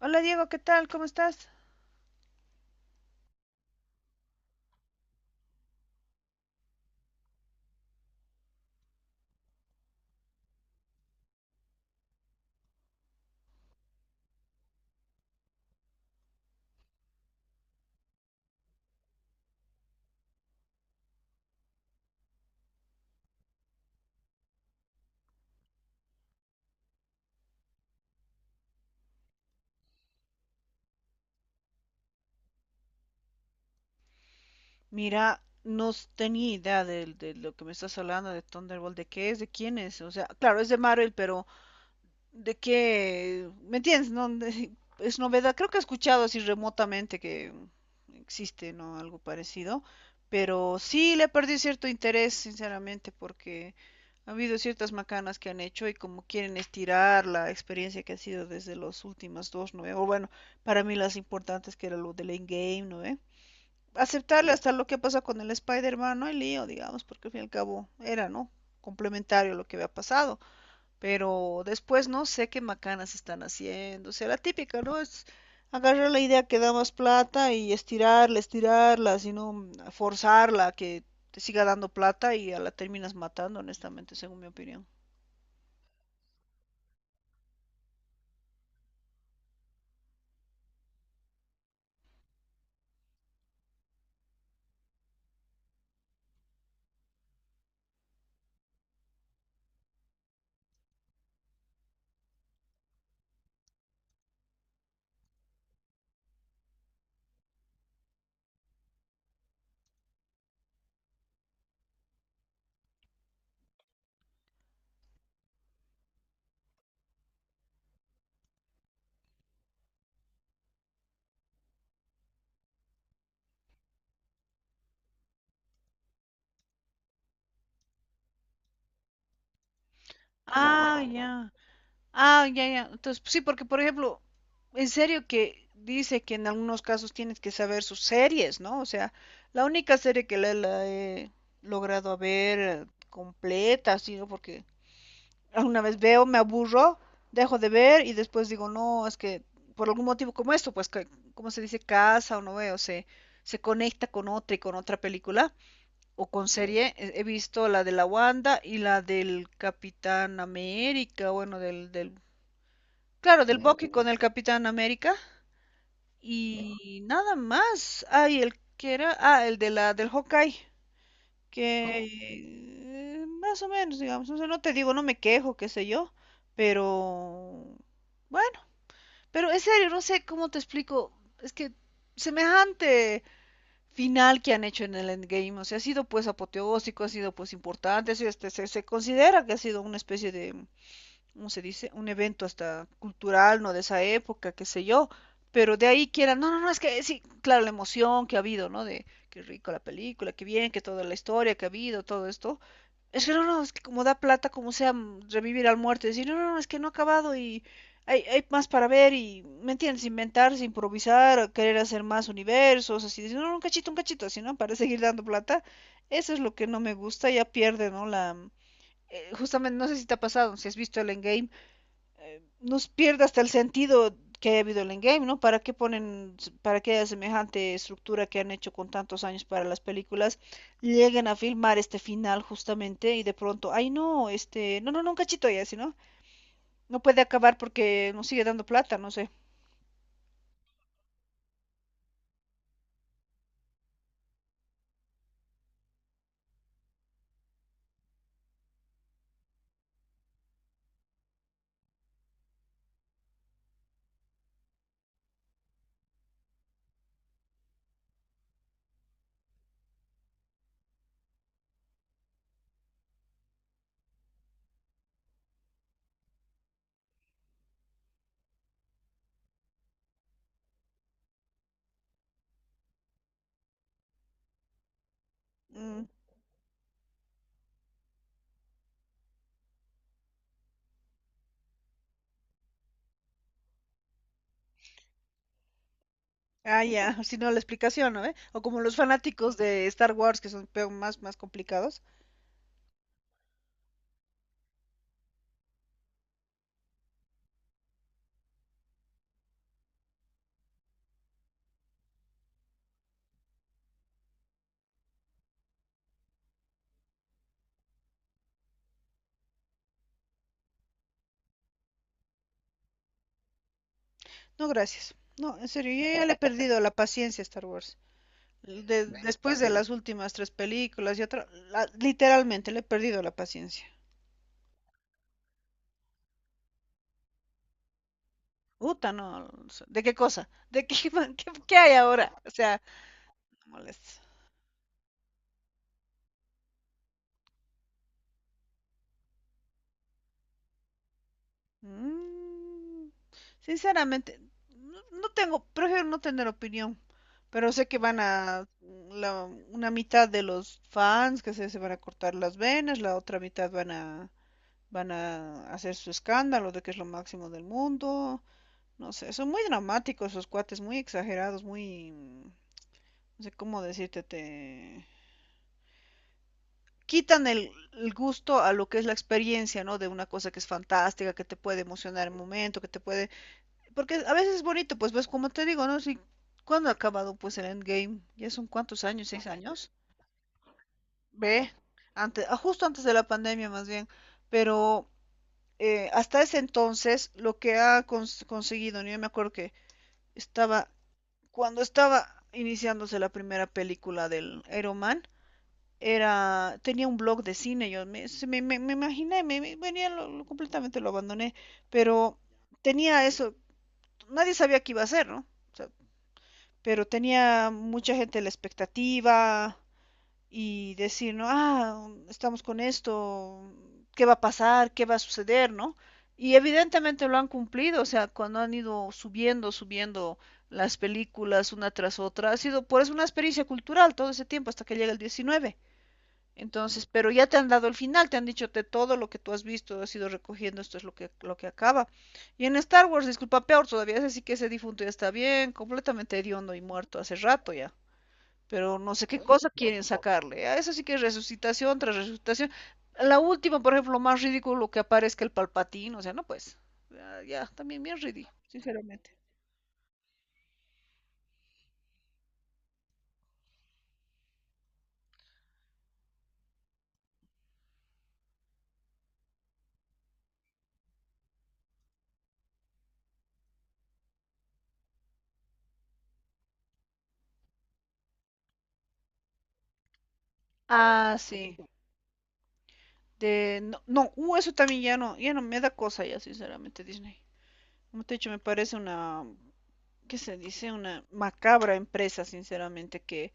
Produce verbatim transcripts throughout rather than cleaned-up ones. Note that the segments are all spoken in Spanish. Hola Diego, ¿qué tal? ¿Cómo estás? Mira, no s- tenía idea de, de lo que me estás hablando de Thunderbolt, de qué es, de quién es. O sea, claro, es de Marvel, pero de qué, ¿me entiendes? No, De- es novedad. Creo que he escuchado así remotamente que existe, ¿no? Algo parecido. Pero sí le perdí cierto interés, sinceramente, porque ha habido ciertas macanas que han hecho y como quieren estirar la experiencia que ha sido desde las últimas dos, ¿no ve? O bueno, para mí las importantes que era lo del Endgame, ¿no ve? Aceptarle hasta lo que pasa con el Spider-Man, no hay lío, digamos, porque al fin y al cabo era, ¿no? Complementario a lo que había pasado, pero después no sé qué macanas están haciendo, o sea, la típica, ¿no? Es agarrar la idea que da más plata y estirarla, estirarla, sino forzarla a que te siga dando plata y a la terminas matando, honestamente, según mi opinión. Ah, ya. Ah, ya, ya. Entonces, pues sí, porque por ejemplo, en serio que dice que en algunos casos tienes que saber sus series, ¿no? O sea, la única serie que la, la he logrado a ver eh, completa, así, ¿no? Porque alguna vez veo, me aburro, dejo de ver y después digo, no, es que por algún motivo como esto, pues, que, como se dice, casa o no veo, se, se conecta con otra y con otra película o con serie. He he visto la de la Wanda y la del Capitán América, bueno, del, del claro, del Bucky con el Capitán América. Y nada más. Ay, el que era. Ah, el de la, del Hawkeye. Que eh, más o menos, digamos. O sea, no te digo, no me quejo, qué sé yo. Pero. Bueno, pero en serio, no sé cómo te explico. Es que semejante final que han hecho en el Endgame. O sea, ha sido pues apoteósico, ha sido pues importante. Ha sido, este, se, se considera que ha sido una especie de, ¿cómo se dice? Un evento hasta cultural, ¿no? De esa época, qué sé yo. Pero de ahí quieran, no, no, no, es que sí, claro, la emoción que ha habido, ¿no? De qué rico la película, qué bien, que toda la historia que ha habido, todo esto. Es que no, no, es que como da plata, como sea, mm, revivir al muerto, decir, no, no, no, es que no ha acabado y hay, hay más para ver y, ¿me entiendes? Inventarse, improvisar, querer hacer más universos, así, decir, no, no, un cachito, un cachito, así, ¿no? Para seguir dando plata. Eso es lo que no me gusta, ya pierde, ¿no? La, eh, justamente, no sé si te ha pasado, si has visto el Endgame, eh, nos pierde hasta el sentido que ha habido el endgame, ¿no? ¿Para qué ponen, para qué haya semejante estructura que han hecho con tantos años para las películas, lleguen a filmar este final justamente y de pronto, ay no, este, no, no, no, un cachito ya, si no, no puede acabar porque nos sigue dando plata, no sé. Mm. Ah, ya, si no la explicación, ¿no? ¿Eh? O como los fanáticos de Star Wars que son peor- más, más complicados. No, gracias. No, en serio, yo ya le he perdido la paciencia a Star Wars. De- después de las últimas tres películas y otra, la- literalmente le he perdido la paciencia. Uta, no. O sea, ¿de qué cosa? ¿De qué, qué, qué hay ahora? O sea, no molesta. Mm, sinceramente, no, no tengo, prefiero no tener opinión, pero sé que van a, la- una mitad de los fans que se, se van a cortar las venas, la otra mitad van a, van a hacer su escándalo de que es lo máximo del mundo. No sé, son muy dramáticos esos cuates, muy exagerados, muy... mm, no sé cómo decirte, te... Quitan el, el gusto a lo que es la experiencia, ¿no? De una cosa que es fantástica, que te puede emocionar en el momento, que te puede... Porque a veces es bonito, pues ves, como te digo, ¿no? Si, ¿cuándo ha acabado pues el Endgame? ¿Ya son cuántos años? ¿Seis años? Ve, antes, ah, justo antes de la pandemia más bien, pero eh, hasta ese entonces lo que ha cons- conseguido, ¿no? Yo me acuerdo que estaba cuando estaba iniciándose la primera película del Iron Man, era, tenía un blog de cine, yo me, me, me, me imaginé, me, me- venía, lo- lo- completamente lo abandoné, pero tenía eso, nadie sabía qué iba a hacer, ¿no? O sea, pero tenía mucha gente la expectativa, y decir, ¿no? Ah, estamos con esto, ¿qué va a pasar? ¿Qué va a suceder? ¿No? Y evidentemente lo han cumplido, o sea, cuando han ido subiendo, subiendo las películas una tras otra, ha sido por eso una experiencia cultural todo ese tiempo hasta que llega el diecinueve. Entonces, pero ya te han dado el final, te han dicho te todo lo que tú has visto, has ido recogiendo, esto es lo que, lo que acaba. Y en Star Wars, disculpa, peor todavía, es así que ese difunto ya está bien, completamente hediondo y muerto hace rato ya, pero no sé qué cosa quieren sacarle. A eso sí que es resucitación tras resucitación. La última, por ejemplo, más ridículo que aparezca el palpatín, o sea, no pues, ya, ya, también bien ridículo, sinceramente. Ah, sí. De, no, no, uh, eso también ya no, ya no me da cosa ya, sinceramente, Disney. Como te he dicho, me parece una, ¿qué se dice? Una macabra empresa, sinceramente, que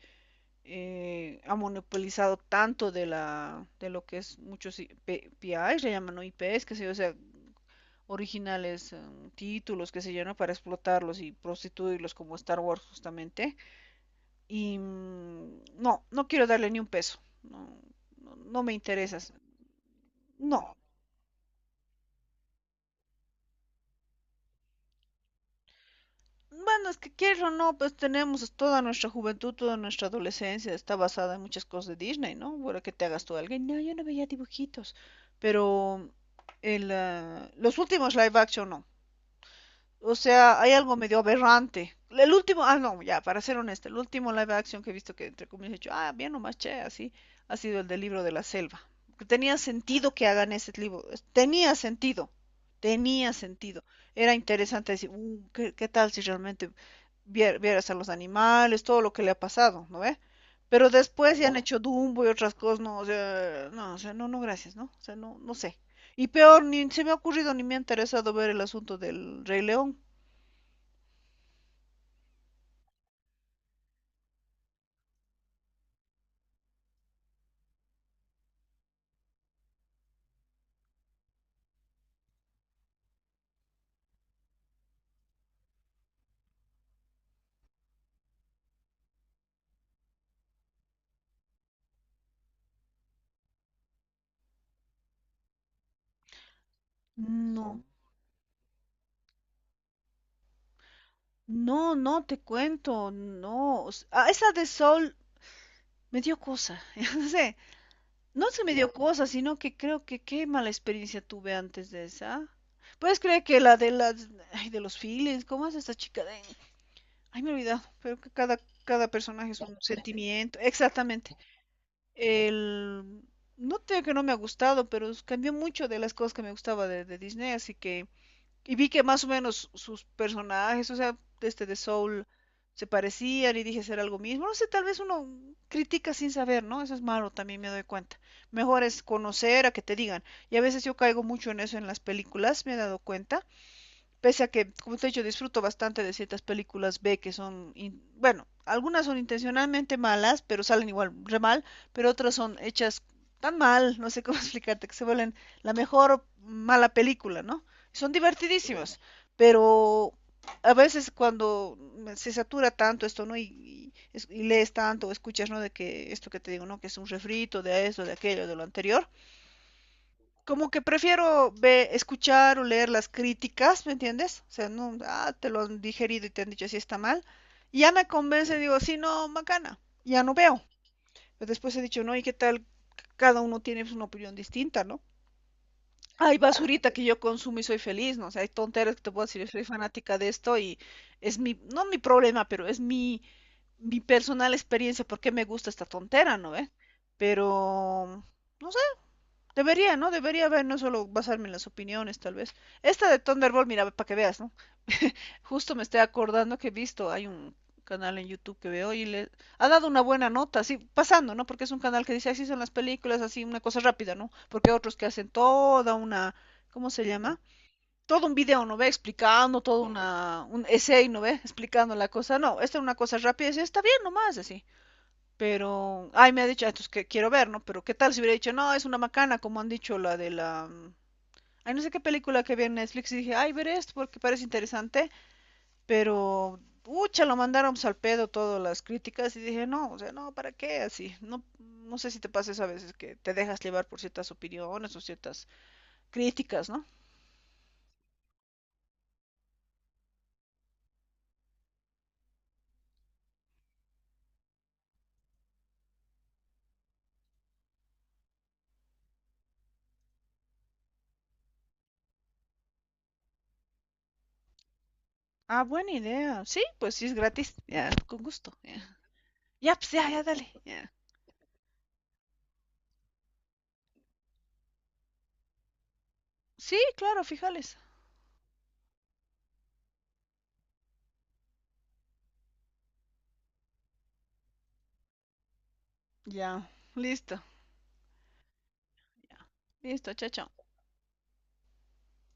eh, ha monopolizado tanto de la de lo que es muchos I- P- PIs, le llaman ¿no? I Pes, qué sé yo, o sea, originales em, títulos, qué sé yo, ¿no? Para explotarlos y prostituirlos como Star Wars justamente. Y mm, no, no quiero darle ni un peso. No, no, no me interesas. No. Bueno, es que quieras o no, pues tenemos toda nuestra juventud, toda nuestra adolescencia, está basada en muchas cosas de Disney, ¿no? Bueno, que te hagas tú alguien, no, yo no veía dibujitos, pero el, ah, los últimos live action no. O sea, hay algo medio aberrante. El último, ah, no, ya, para ser honesta, el último live action que he visto que entre comillas he dicho, ah, bien nomás, che, así, ha sido el del libro de la selva. Tenía sentido que hagan ese libro, tenía sentido, tenía sentido. Era interesante decir, uh, ¿qué, qué tal si realmente vieras a los animales, todo lo que le ha pasado, ¿no ve? Pero después ya han hecho Dumbo y otras cosas, no, o sea, no, o sea, no, no, gracias, ¿no? O sea, no, no sé. Y peor, ni se me ha ocurrido ni me ha interesado ver el asunto del Rey León. No, no, no te cuento, no. o s- ah, esa de Sol me dio cosa, no sé, no se me dio cosa, sino que creo que qué mala experiencia tuve antes de esa. ¿Puedes creer que la de las, ay, de los feelings, cómo es esta chica de, ay, me he olvidado, pero que cada, cada personaje es un sentimiento, exactamente. El, no tengo que no me ha gustado, pero es- cambió mucho de las cosas que me gustaba de, de Disney, así que, y vi que más o menos sus personajes, o sea, este de Soul, se parecían y dije será algo mismo. No sé, tal vez uno critica sin saber, ¿no? Eso es malo, también me doy cuenta. Mejor es conocer a que te digan. Y a veces yo caigo mucho en eso en las películas, me he dado cuenta. Pese a que, como te he dicho, disfruto bastante de ciertas películas B que son, in- bueno, algunas son intencionalmente malas, pero salen igual re mal, pero otras son hechas tan mal, no sé cómo explicarte, que se vuelven la mejor mala película, ¿no? Son divertidísimas, pero a veces cuando me- se satura tanto esto, ¿no? Y, y es- y lees tanto o escuchas, ¿no? De que esto que te digo, ¿no? Que es un refrito de esto, de aquello, de lo anterior, como que prefiero ve- escuchar o leer las críticas, ¿me entiendes? O sea, no, ah, te lo han digerido y te han dicho si está mal. Y ya me convence, digo, sí, no, macana, ya no veo. Pero después he dicho, no, ¿y qué tal? Cada uno tiene pues, una opinión distinta, ¿no? Hay basurita que yo consumo y soy feliz, ¿no? O sea, hay tonteras que te puedo decir, yo soy fanática de esto y es mi, no mi problema, pero es mi, mi personal experiencia, porque me gusta esta tontera, ¿no? ¿Eh? Pero, no debería, ¿no? Debería haber, no solo basarme en las opiniones, tal vez. Esta de Thunderbolt, mira, para que veas, ¿no? Justo me estoy acordando que he visto, hay un canal en YouTube que veo y le ha dado una buena nota, así pasando, ¿no? Porque es un canal que dice así son las películas, así una cosa rápida, ¿no? Porque hay otros que hacen toda una, ¿cómo se llama? Todo un video, ¿no ve? Explicando, todo una, un essay, ¿no ve? Explicando la cosa. No, esta es una cosa rápida, y dice, está bien nomás, así. Pero, ay, me ha dicho, ah, entonces que quiero ver, ¿no? Pero qué tal si hubiera dicho, no, es una macana, como han dicho la de la... Ay, no sé qué película que vi en Netflix y dije, ay, veré esto porque parece interesante, pero, ucha, lo mandaron pues, al pedo todas las críticas y dije, no, o sea, no, ¿para qué? Así, no, no sé si te pasa eso a veces, que te dejas llevar por ciertas opiniones o ciertas críticas, ¿no? Ah, buena idea. Sí, pues sí es gratis. Ya, con gusto. Ya, ya, pues ya, ya, dale. Ya. Sí, claro, fíjales. Ya, listo. Ya. Listo, chao, chao.